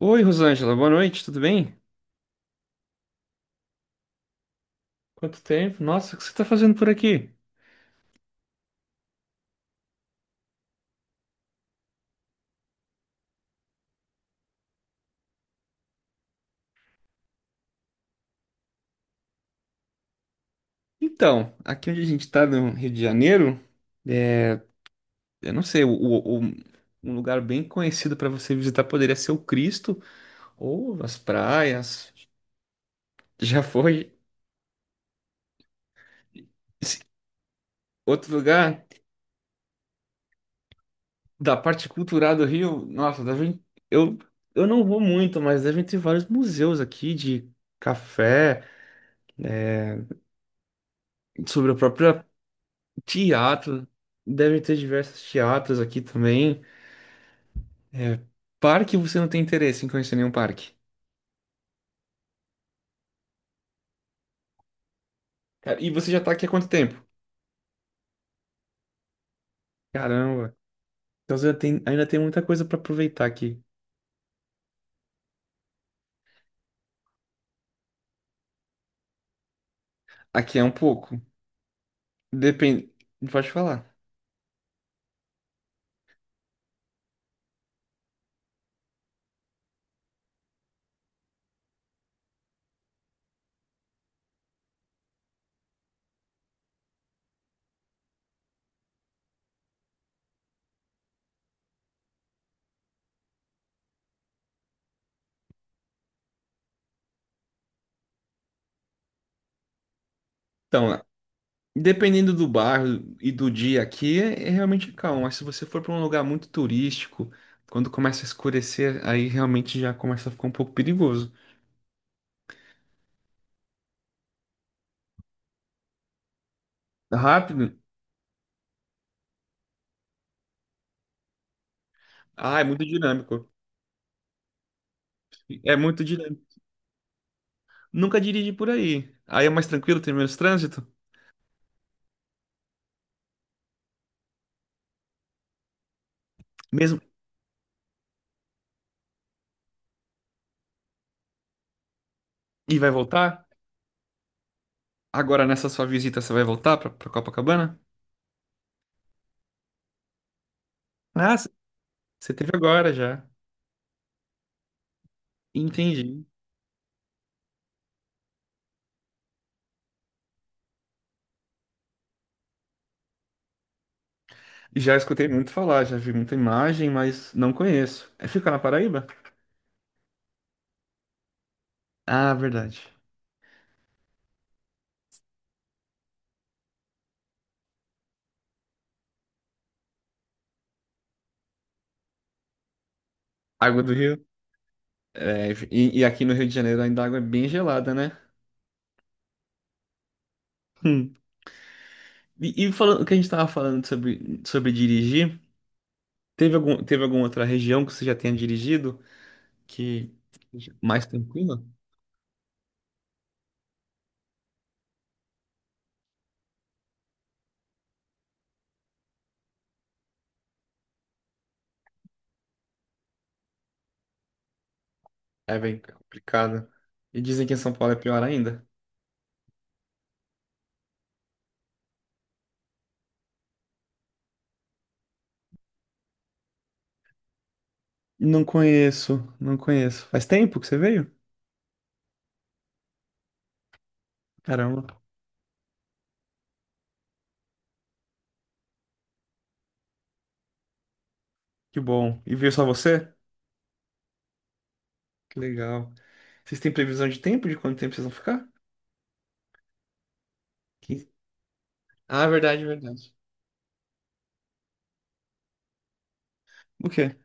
Oi, Rosângela, boa noite, tudo bem? Quanto tempo? Nossa, o que você está fazendo por aqui? Então, aqui onde a gente está no Rio de Janeiro, é, eu não sei, um lugar bem conhecido para você visitar poderia ser o Cristo ou as praias. Já foi. Esse outro lugar da parte cultural do Rio. Nossa, devem, eu eu não vou muito, mas devem ter vários museus aqui de café, sobre o próprio teatro. Devem ter diversos teatros aqui também. É, parque, você não tem interesse em conhecer nenhum parque. Cara, e você já tá aqui há quanto tempo? Caramba. Então você ainda tem muita coisa pra aproveitar aqui. Aqui é um pouco. Depende. Pode falar. Então, lá, dependendo do bairro e do dia aqui, é realmente calmo. Mas se você for pra um lugar muito turístico, quando começa a escurecer, aí realmente já começa a ficar um pouco perigoso. Rápido? Ah, é muito dinâmico. É muito dinâmico. Nunca dirige por aí. Aí é mais tranquilo, tem menos trânsito. Mesmo. E vai voltar? Agora, nessa sua visita, você vai voltar pra Copacabana? Ah, c- você teve agora já. Entendi. Já escutei muito falar, já vi muita imagem, mas não conheço. É, fica na Paraíba? Ah, verdade. Água do Rio? E aqui no Rio de Janeiro ainda a água é bem gelada, né? Hum. E falando, o que a gente tava falando sobre dirigir, teve alguma outra região que você já tenha dirigido que mais tranquila? É bem complicado. E dizem que em São Paulo é pior ainda. Não conheço, não conheço. Faz tempo que você veio? Caramba, que bom. E veio só você? Que legal. Vocês têm previsão de tempo, de quanto tempo vocês vão ficar? Que- Ah, verdade, verdade. O quê?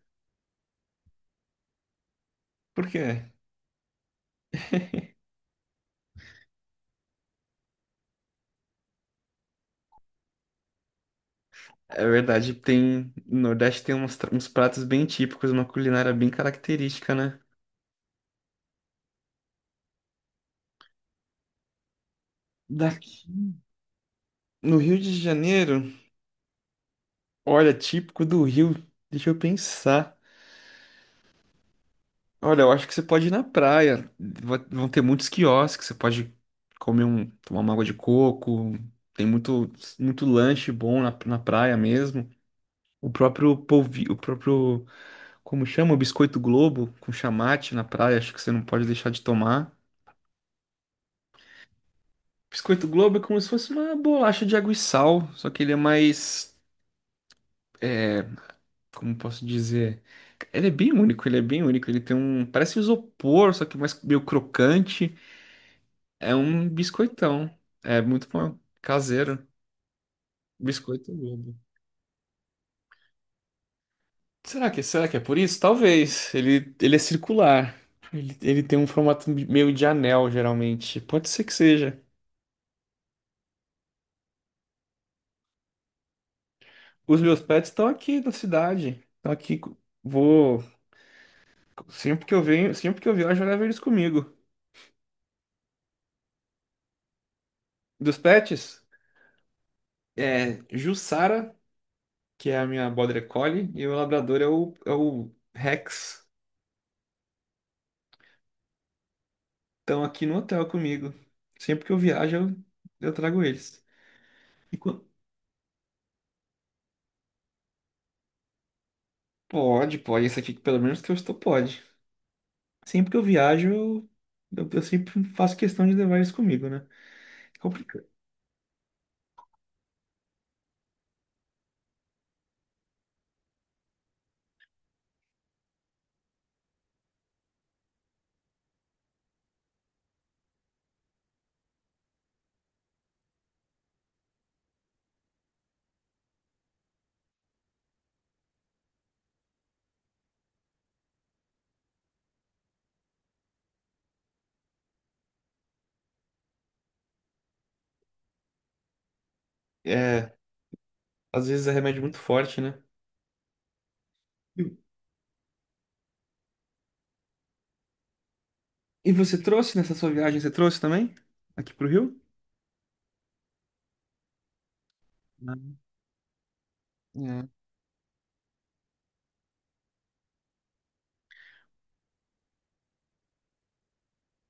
Por quê? É verdade, tem. No Nordeste tem uns pratos bem típicos, uma culinária bem característica, né? Daqui. No Rio de Janeiro, olha, típico do Rio. Deixa eu pensar. Olha, eu acho que você pode ir na praia. Vão ter muitos quiosques, você pode tomar uma água de coco. Tem muito, muito lanche bom na praia mesmo. O próprio polvilho, o próprio, como chama? O Biscoito Globo com chamate na praia, acho que você não pode deixar de tomar. Biscoito Globo é como se fosse uma bolacha de água e sal, só que ele é mais, é, como posso dizer? Ele é bem único, ele é bem único. Ele tem um, parece isopor, só que mais meio crocante. É um biscoitão. É muito bom. Caseiro. Biscoito Globo. Será que é por isso? Talvez. Ele é circular. Ele tem um formato meio de anel, geralmente. Pode ser que seja. Os meus pets estão aqui na cidade. Estão aqui. Vou. Sempre que eu venho, sempre que eu viajo, eu levo eles comigo. Dos pets, é Jussara, que é a minha Border Collie, e o meu labrador é o Rex. Estão aqui no hotel comigo. Sempre que eu viajo, eu trago eles. Enqu- Pode, pode. Esse aqui, pelo menos que eu estou, pode. Sempre que eu viajo, eu sempre faço questão de levar isso comigo, né? É complicado. É, às vezes é remédio muito forte, né? E, e você trouxe nessa sua viagem, você trouxe também? Aqui pro Rio? Né? É.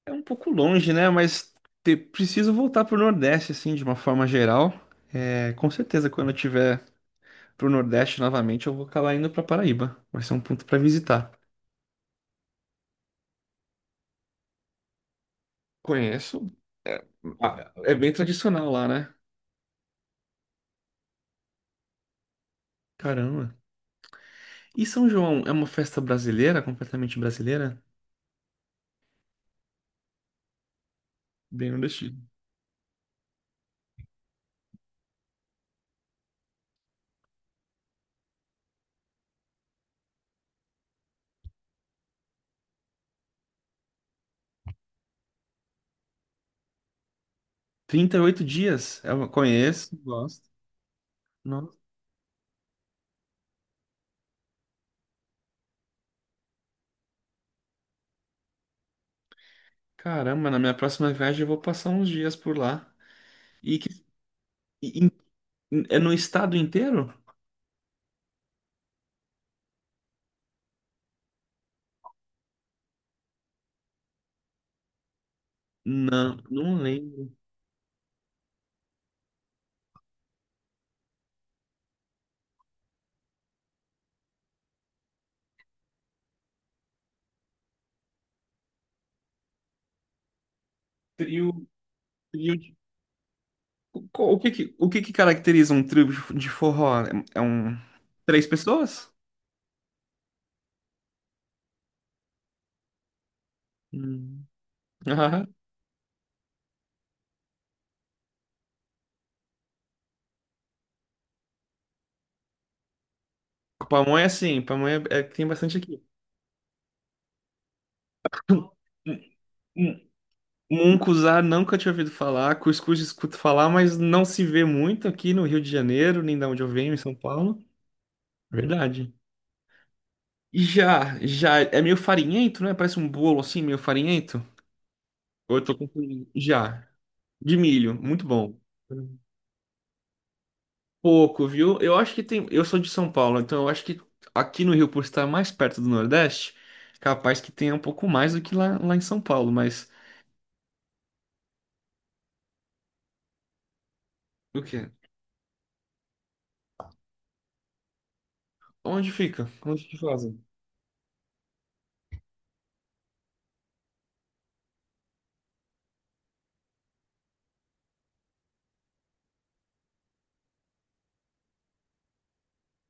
É um pouco longe, né? Mas preciso voltar pro Nordeste, assim, de uma forma geral. É, com certeza, quando eu tiver pro Nordeste novamente, eu vou acabar indo pra Paraíba. Vai ser um ponto pra visitar. Conheço. É, ah, é bem tradicional lá, né? Caramba. E São João é uma festa brasileira, completamente brasileira? Bem nordestino. 38 dias. Eu conheço, gosto. Nossa, caramba, na minha próxima viagem eu vou passar uns dias por lá. E que e- e- é no estado inteiro? Não, não lembro. Trio, trio de- o que que caracteriza um trio de forró? É é um três pessoas? Hum. Aham. Pamonha sim, pamonha é, tem bastante aqui. Mungunzá nunca tinha ouvido falar, cuscuz escuto falar, mas não se vê muito aqui no Rio de Janeiro, nem da onde eu venho, em São Paulo. Verdade. E já, já é meio farinhento, né? Parece um bolo assim, meio farinhento. Ou eu tô confundindo? Já. De milho, muito bom. Pouco, viu? Eu acho que tem. Eu sou de São Paulo, então eu acho que aqui no Rio, por estar mais perto do Nordeste, capaz que tenha um pouco mais do que lá, lá em São Paulo, mas. O quê? Onde fica? Onde que fazem?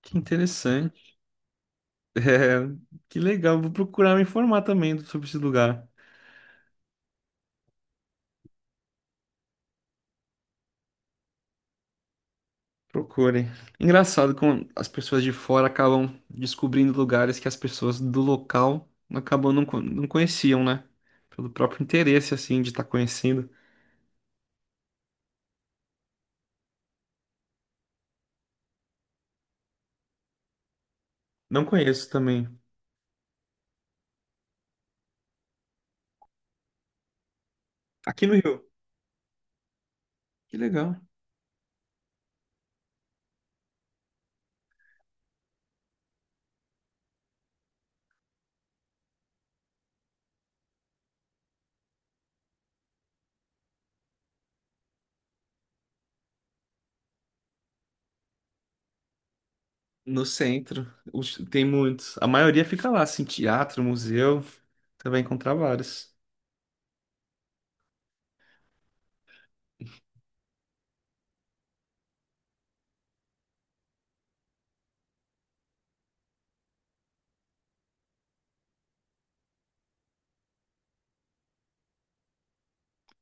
Que É, que legal, vou procurar me informar também sobre esse lugar. Procurem. Engraçado como as pessoas de fora acabam descobrindo lugares que as pessoas do local acabam não, não conheciam, né? Pelo próprio interesse, assim, de estar conhecendo. Não conheço também. Aqui no Rio. Que legal. No centro, tem muitos. A maioria fica lá, assim, teatro, museu. Você vai encontrar vários.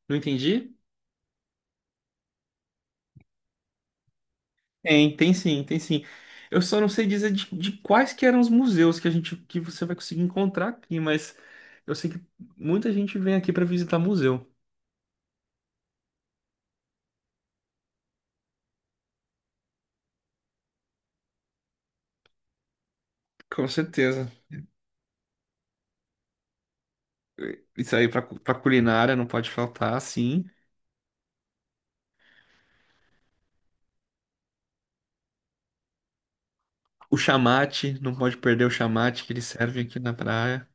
Não entendi? Tem, tem sim, tem sim. Eu só não sei dizer de quais que eram os museus que a gente que você vai conseguir encontrar aqui, mas eu sei que muita gente vem aqui para visitar museu. Com certeza. Isso aí para culinária não pode faltar, sim. O chamate, não pode perder o chamate que eles servem aqui na praia.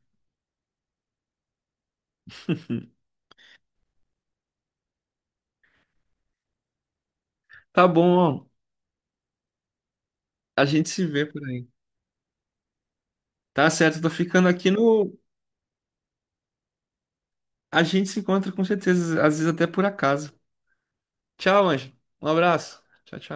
Tá bom, a gente se vê por aí. Tá certo, tô ficando aqui no. A gente se encontra com certeza, às vezes até por acaso. Tchau, Anjo. Um abraço. Tchau, tchau.